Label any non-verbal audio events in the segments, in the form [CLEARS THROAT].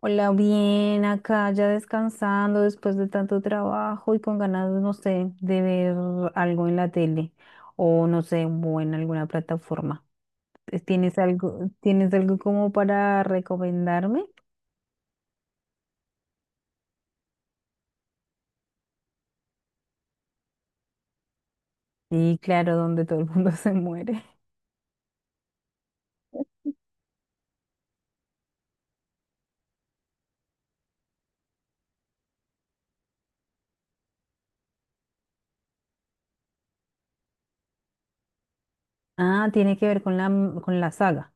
Hola, bien, acá ya descansando después de tanto trabajo y con ganas, no sé, de ver algo en la tele o no sé, o en alguna plataforma. ¿Tienes algo como para recomendarme? Y claro, donde todo el mundo [LAUGHS] se muere. Ah, tiene que ver con con la saga.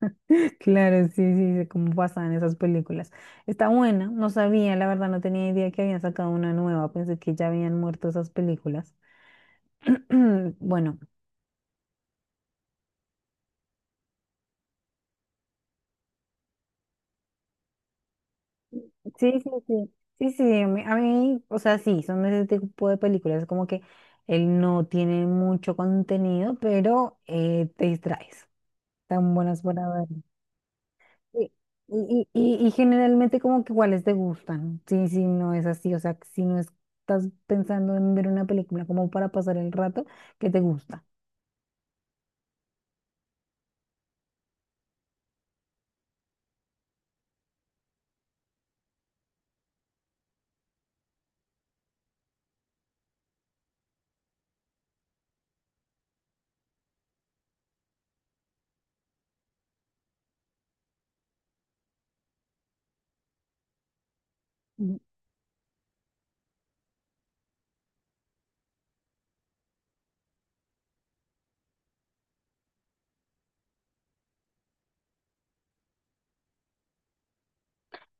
[LAUGHS] Claro, sí, sí, sí, como pasan esas películas. Está buena, no sabía, la verdad, no tenía idea que habían sacado una nueva, pensé que ya habían muerto esas películas. [CLEARS THROAT] Bueno. Sí, sí, sí. Sí, sí, a mí, o sea, sí, son ese tipo de películas como que él no tiene mucho contenido, pero te distraes. Tan buenas para ver. Sí, y generalmente como que cuáles te gustan. Sí, sí, no es así, o sea, si no estás pensando en ver una película como para pasar el rato, ¿qué te gusta? Mm.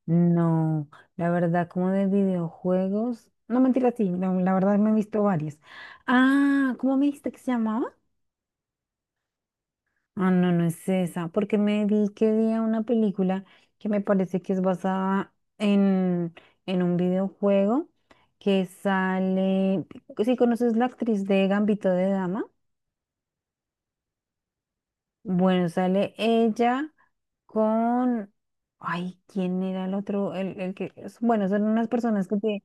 No, la verdad, como de videojuegos. No, mentira, sí, la verdad me he visto varias. Ah, ¿cómo me dijiste que se llamaba? Ah, no, no es esa, porque me vi que vi una película que me parece que es basada en un videojuego que sale, si conoces la actriz de Gambito de Dama, bueno, sale ella con, ay, ¿quién era el otro? Bueno, son unas personas que te-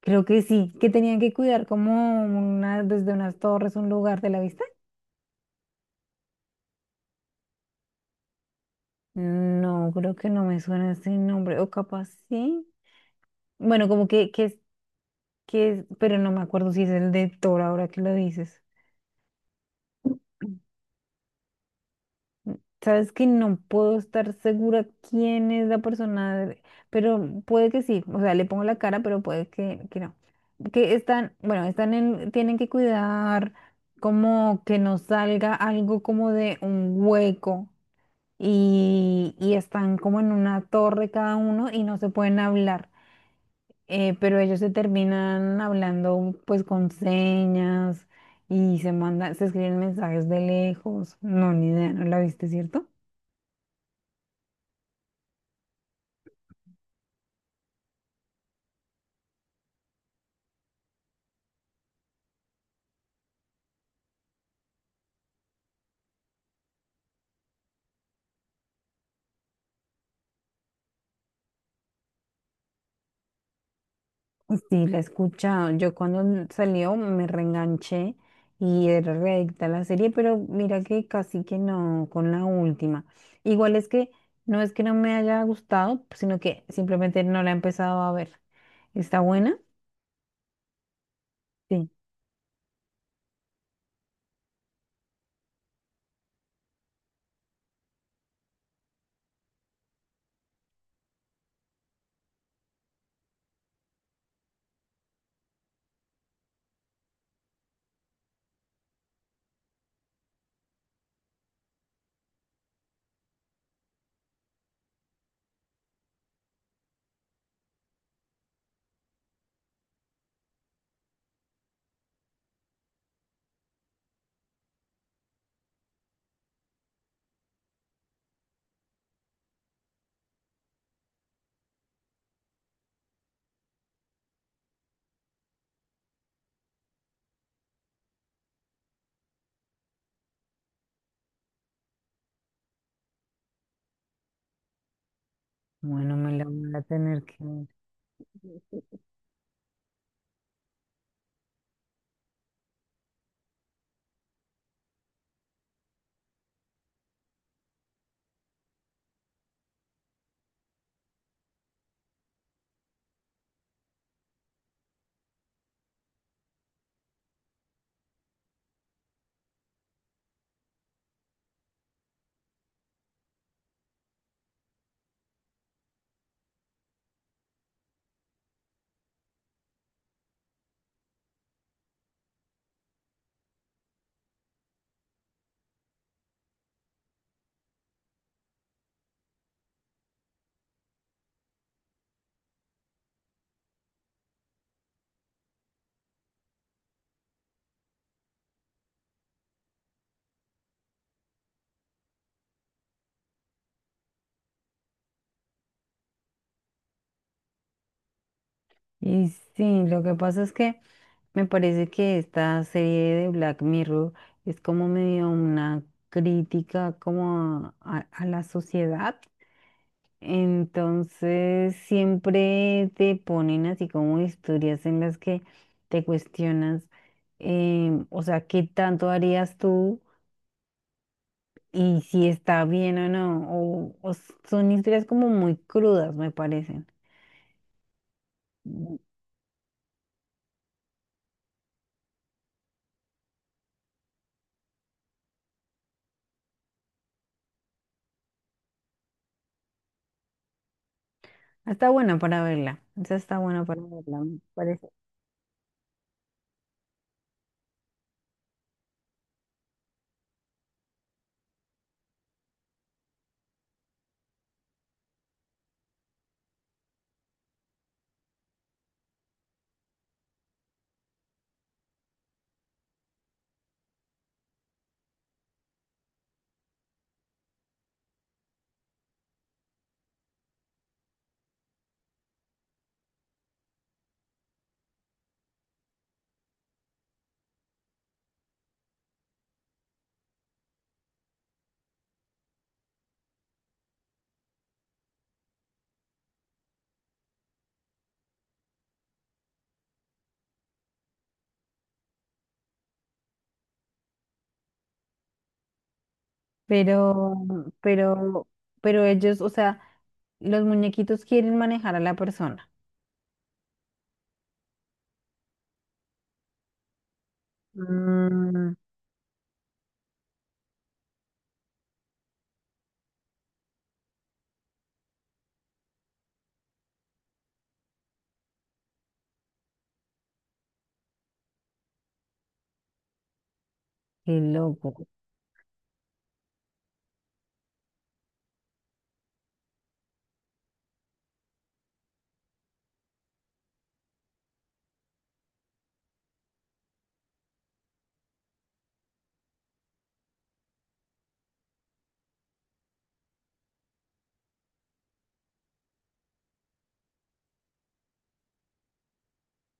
creo que sí, que tenían que cuidar como una, desde unas torres un lugar de la vista. No, creo que no me suena ese nombre, o capaz sí. Bueno, como que es, pero no me acuerdo si es el de Thor ahora que lo dices. Sabes que no puedo estar segura quién es la persona, de- pero puede que sí. O sea, le pongo la cara, pero puede que no. Que están, bueno, están en, tienen que cuidar como que no salga algo como de un hueco y están como en una torre cada uno y no se pueden hablar. Eh, pero ellos se terminan hablando pues con señas y se mandan, se escriben mensajes de lejos. No, ni idea, ¿no la viste, cierto? Sí, la he escuchado. Yo cuando salió me reenganché y era readicta a la serie, pero mira que casi que no con la última. Igual es que no me haya gustado, sino que simplemente no la he empezado a ver. ¿Está buena? Sí. Bueno, me la voy a tener que ver. Y sí, lo que pasa es que me parece que esta serie de Black Mirror es como medio una crítica como a la sociedad. Entonces siempre te ponen así como historias en las que te cuestionas, o sea, ¿qué tanto harías tú? Y si está bien o no. O s- son historias como muy crudas, me parecen. Mm, está buena para verla. Esa está buena para verla, me parece. Pero, pero, pero ellos, o sea, los muñequitos quieren manejar a la persona. Mm, qué loco.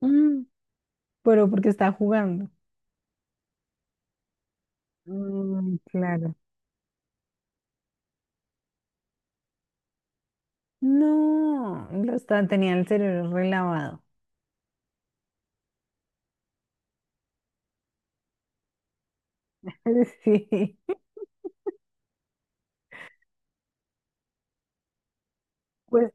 Mm, pero porque está jugando. Mm, claro. No, lo está, tenía el cerebro relavado. [LAUGHS] Sí. Pues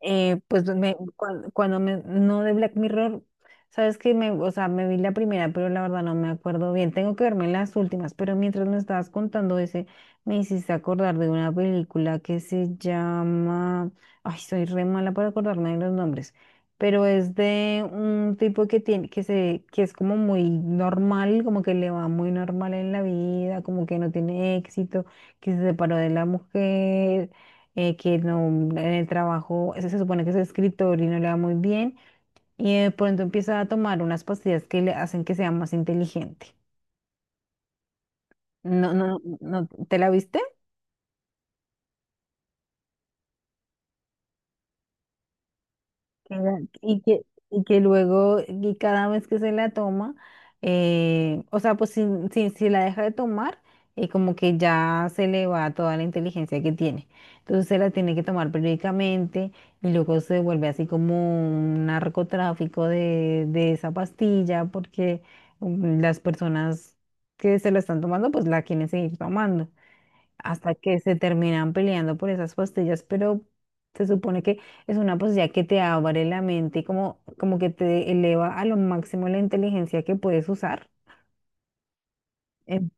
pues me, cuando, me, no de Black Mirror, sabes que me, o sea, me vi la primera, pero la verdad no me acuerdo bien. Tengo que verme las últimas, pero mientras me estabas contando ese, me hiciste acordar de una película que se llama, ay, soy re mala para acordarme de los nombres, pero es de un tipo que tiene, que se, que es como muy normal, como que le va muy normal en la vida, como que no tiene éxito, que se separó de la mujer, que no, en el trabajo se, se supone que es escritor y no le va muy bien, y de pronto empieza a tomar unas pastillas que le hacen que sea más inteligente. No, no, no, ¿te la viste? Y que luego, y cada vez que se la toma, o sea, pues si, si la deja de tomar, como que ya se le va toda la inteligencia que tiene. Entonces se la tiene que tomar periódicamente y luego se vuelve así como un narcotráfico de esa pastilla porque mm, las personas que se la están tomando, pues la quieren seguir tomando hasta que se terminan peleando por esas pastillas, pero se supone que es una posibilidad que te abre la mente y como, como que te eleva a lo máximo la inteligencia que puedes usar. Em,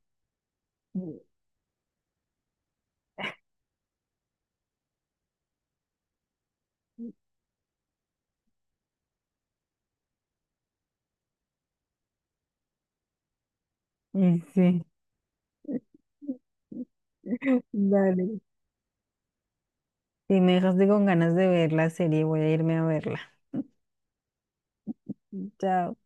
Mm, sí. [LAUGHS] Dale, si me dejaste con ganas de ver la serie, voy a irme a verla. Chao.